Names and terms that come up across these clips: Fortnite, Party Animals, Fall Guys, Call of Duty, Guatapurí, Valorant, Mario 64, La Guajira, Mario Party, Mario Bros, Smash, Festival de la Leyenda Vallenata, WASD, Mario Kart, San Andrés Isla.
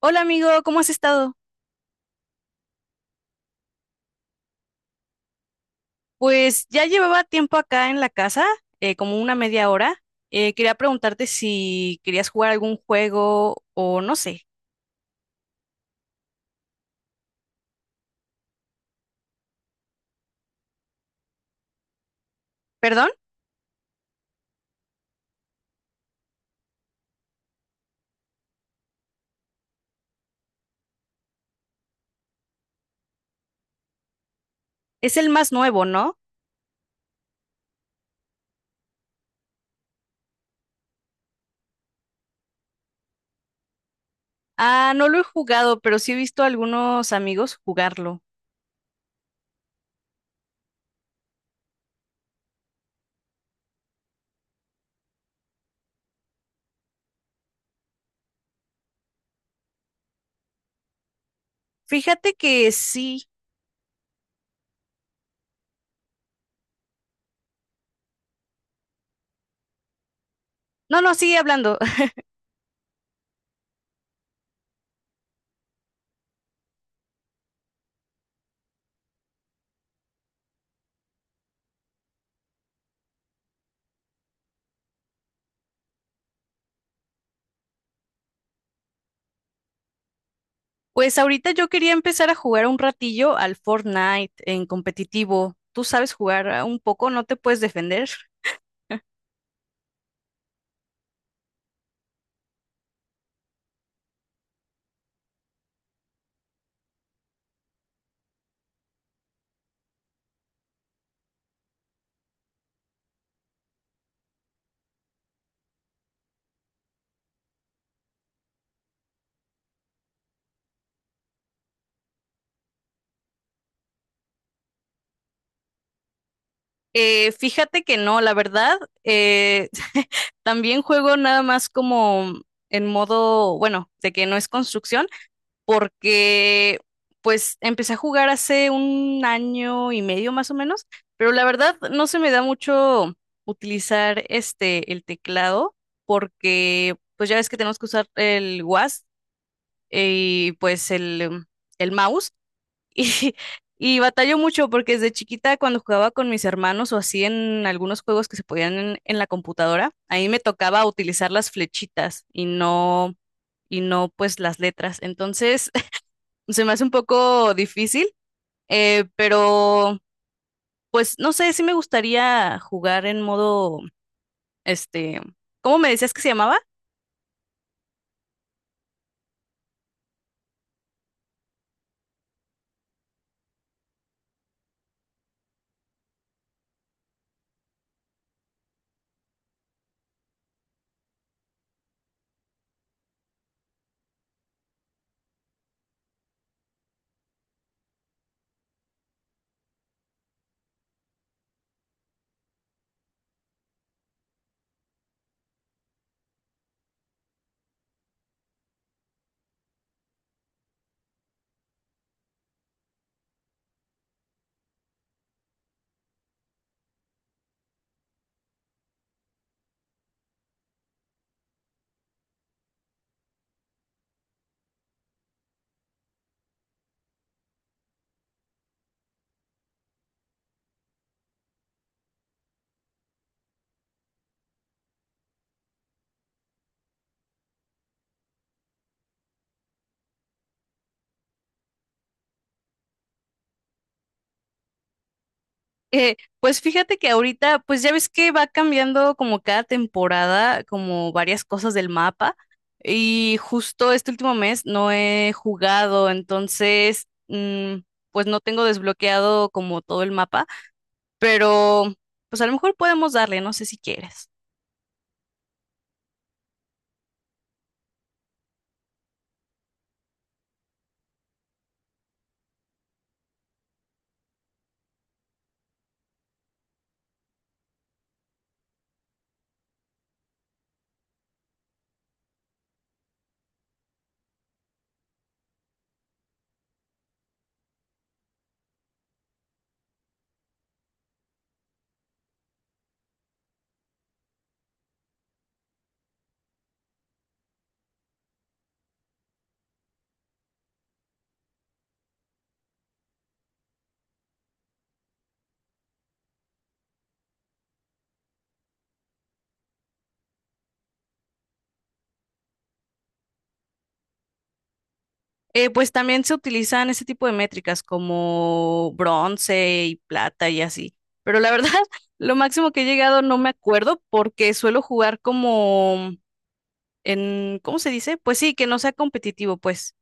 Hola amigo, ¿cómo has estado? Pues ya llevaba tiempo acá en la casa, como una media hora. Quería preguntarte si querías jugar algún juego o no sé. ¿Perdón? Es el más nuevo, ¿no? Ah, no lo he jugado, pero sí he visto a algunos amigos jugarlo. Fíjate que sí. No, no, sigue hablando. Pues ahorita yo quería empezar a jugar un ratillo al Fortnite en competitivo. ¿Tú sabes jugar un poco? ¿No te puedes defender? Fíjate que no, la verdad, eh, también juego nada más como en modo, bueno, de que no es construcción, porque pues empecé a jugar hace un año y medio más o menos, pero la verdad no se me da mucho utilizar el teclado, porque pues ya ves que tenemos que usar el WASD y pues el mouse. Y, y batallo mucho porque desde chiquita cuando jugaba con mis hermanos o así en algunos juegos que se podían en la computadora, ahí me tocaba utilizar las flechitas y no pues las letras. Entonces se me hace un poco difícil, pero pues no sé, sí me gustaría jugar en modo, este, ¿cómo me decías que se llamaba? Pues fíjate que ahorita, pues ya ves que va cambiando como cada temporada, como varias cosas del mapa. Y justo este último mes no he jugado, entonces, pues no tengo desbloqueado como todo el mapa, pero pues a lo mejor podemos darle, no sé si quieres. Pues también se utilizan ese tipo de métricas como bronce y plata y así. Pero la verdad, lo máximo que he llegado no me acuerdo porque suelo jugar como en, ¿cómo se dice? Pues sí, que no sea competitivo, pues.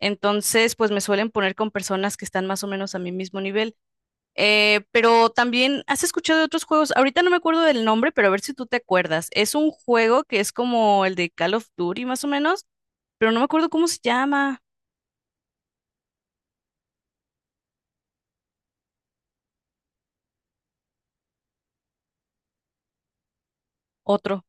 Entonces, pues me suelen poner con personas que están más o menos a mi mismo nivel. Pero también, ¿has escuchado de otros juegos? Ahorita no me acuerdo del nombre, pero a ver si tú te acuerdas. Es un juego que es como el de Call of Duty, más o menos, pero no me acuerdo cómo se llama. Otro.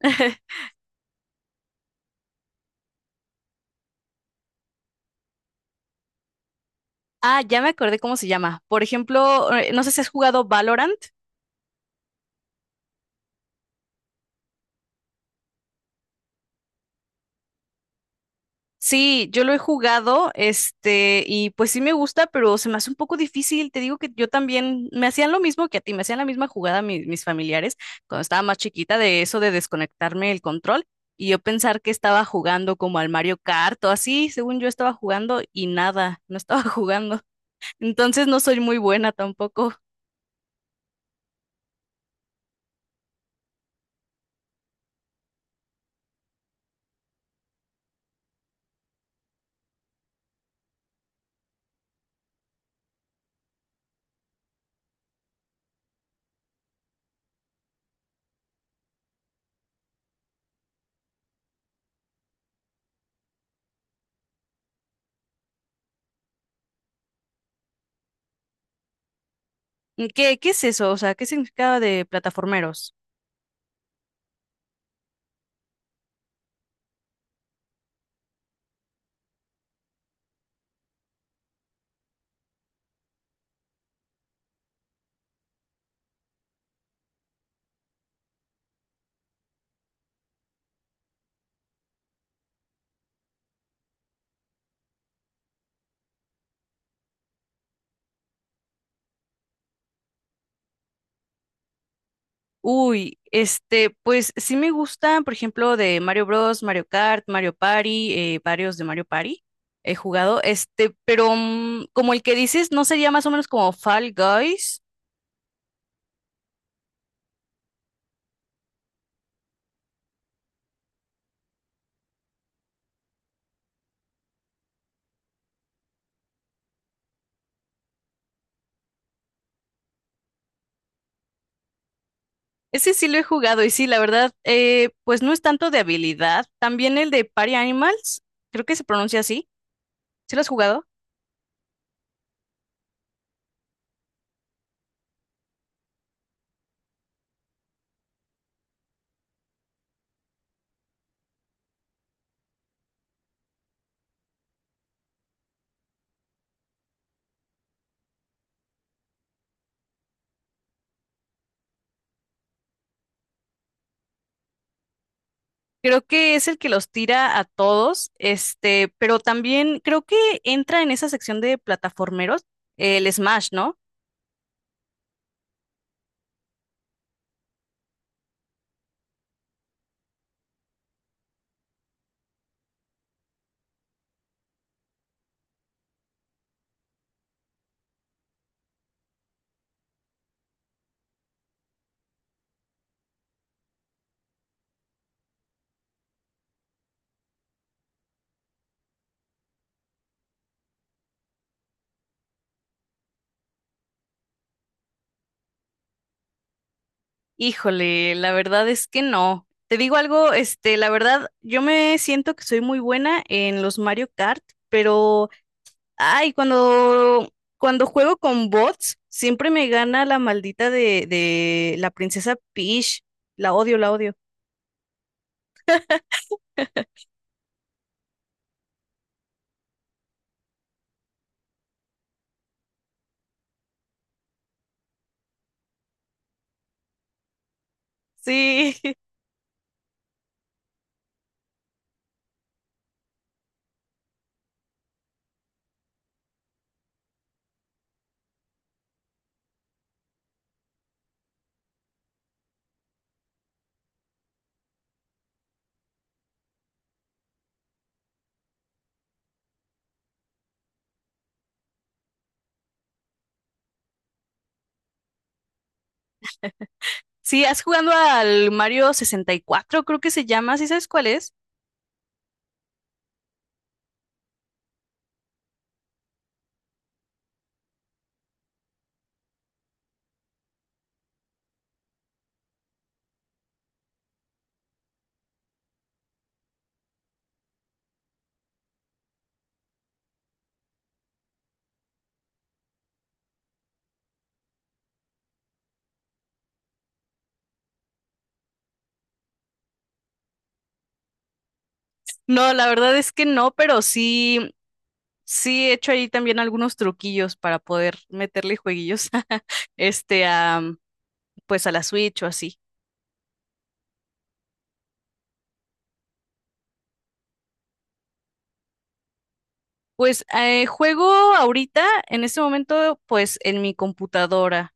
Ah, ya me acordé cómo se llama. Por ejemplo, no sé si has jugado Valorant. Sí, yo lo he jugado, y pues sí me gusta, pero se me hace un poco difícil. Te digo que yo también me hacían lo mismo que a ti, me hacían la misma jugada mis familiares cuando estaba más chiquita de eso de desconectarme el control y yo pensar que estaba jugando como al Mario Kart o así, según yo estaba jugando y nada, no estaba jugando. Entonces no soy muy buena tampoco. ¿Qué, qué es eso? O sea, ¿qué significaba de plataformeros? Uy, pues sí me gustan, por ejemplo, de Mario Bros, Mario Kart, Mario Party, varios de Mario Party he jugado, pero como el que dices, ¿no sería más o menos como Fall Guys? Ese sí lo he jugado y sí, la verdad, pues no es tanto de habilidad. También el de Party Animals, creo que se pronuncia así, ¿sí lo has jugado? Creo que es el que los tira a todos, pero también creo que entra en esa sección de plataformeros el Smash, ¿no? Híjole, la verdad es que no. Te digo algo, la verdad, yo me siento que soy muy buena en los Mario Kart, pero, ay, cuando, cuando juego con bots, siempre me gana la maldita de la princesa Peach. La odio, la odio. Sí, sí, ¿has jugando al Mario 64? Creo que se llama, ¿sí sabes cuál es? No, la verdad es que no, pero sí. Sí, he hecho ahí también algunos truquillos para poder meterle jueguillos este a pues a la Switch o así. Pues juego ahorita, en este momento, pues en mi computadora.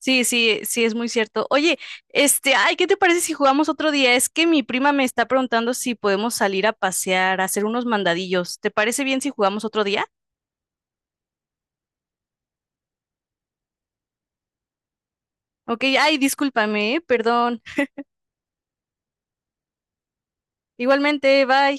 Sí, sí, sí, es muy cierto. Oye, ay, ¿qué te parece si jugamos otro día? Es que mi prima me está preguntando si podemos salir a pasear, a hacer unos mandadillos. ¿Te parece bien si jugamos otro día? Ok, ay, discúlpame, perdón. Igualmente, bye.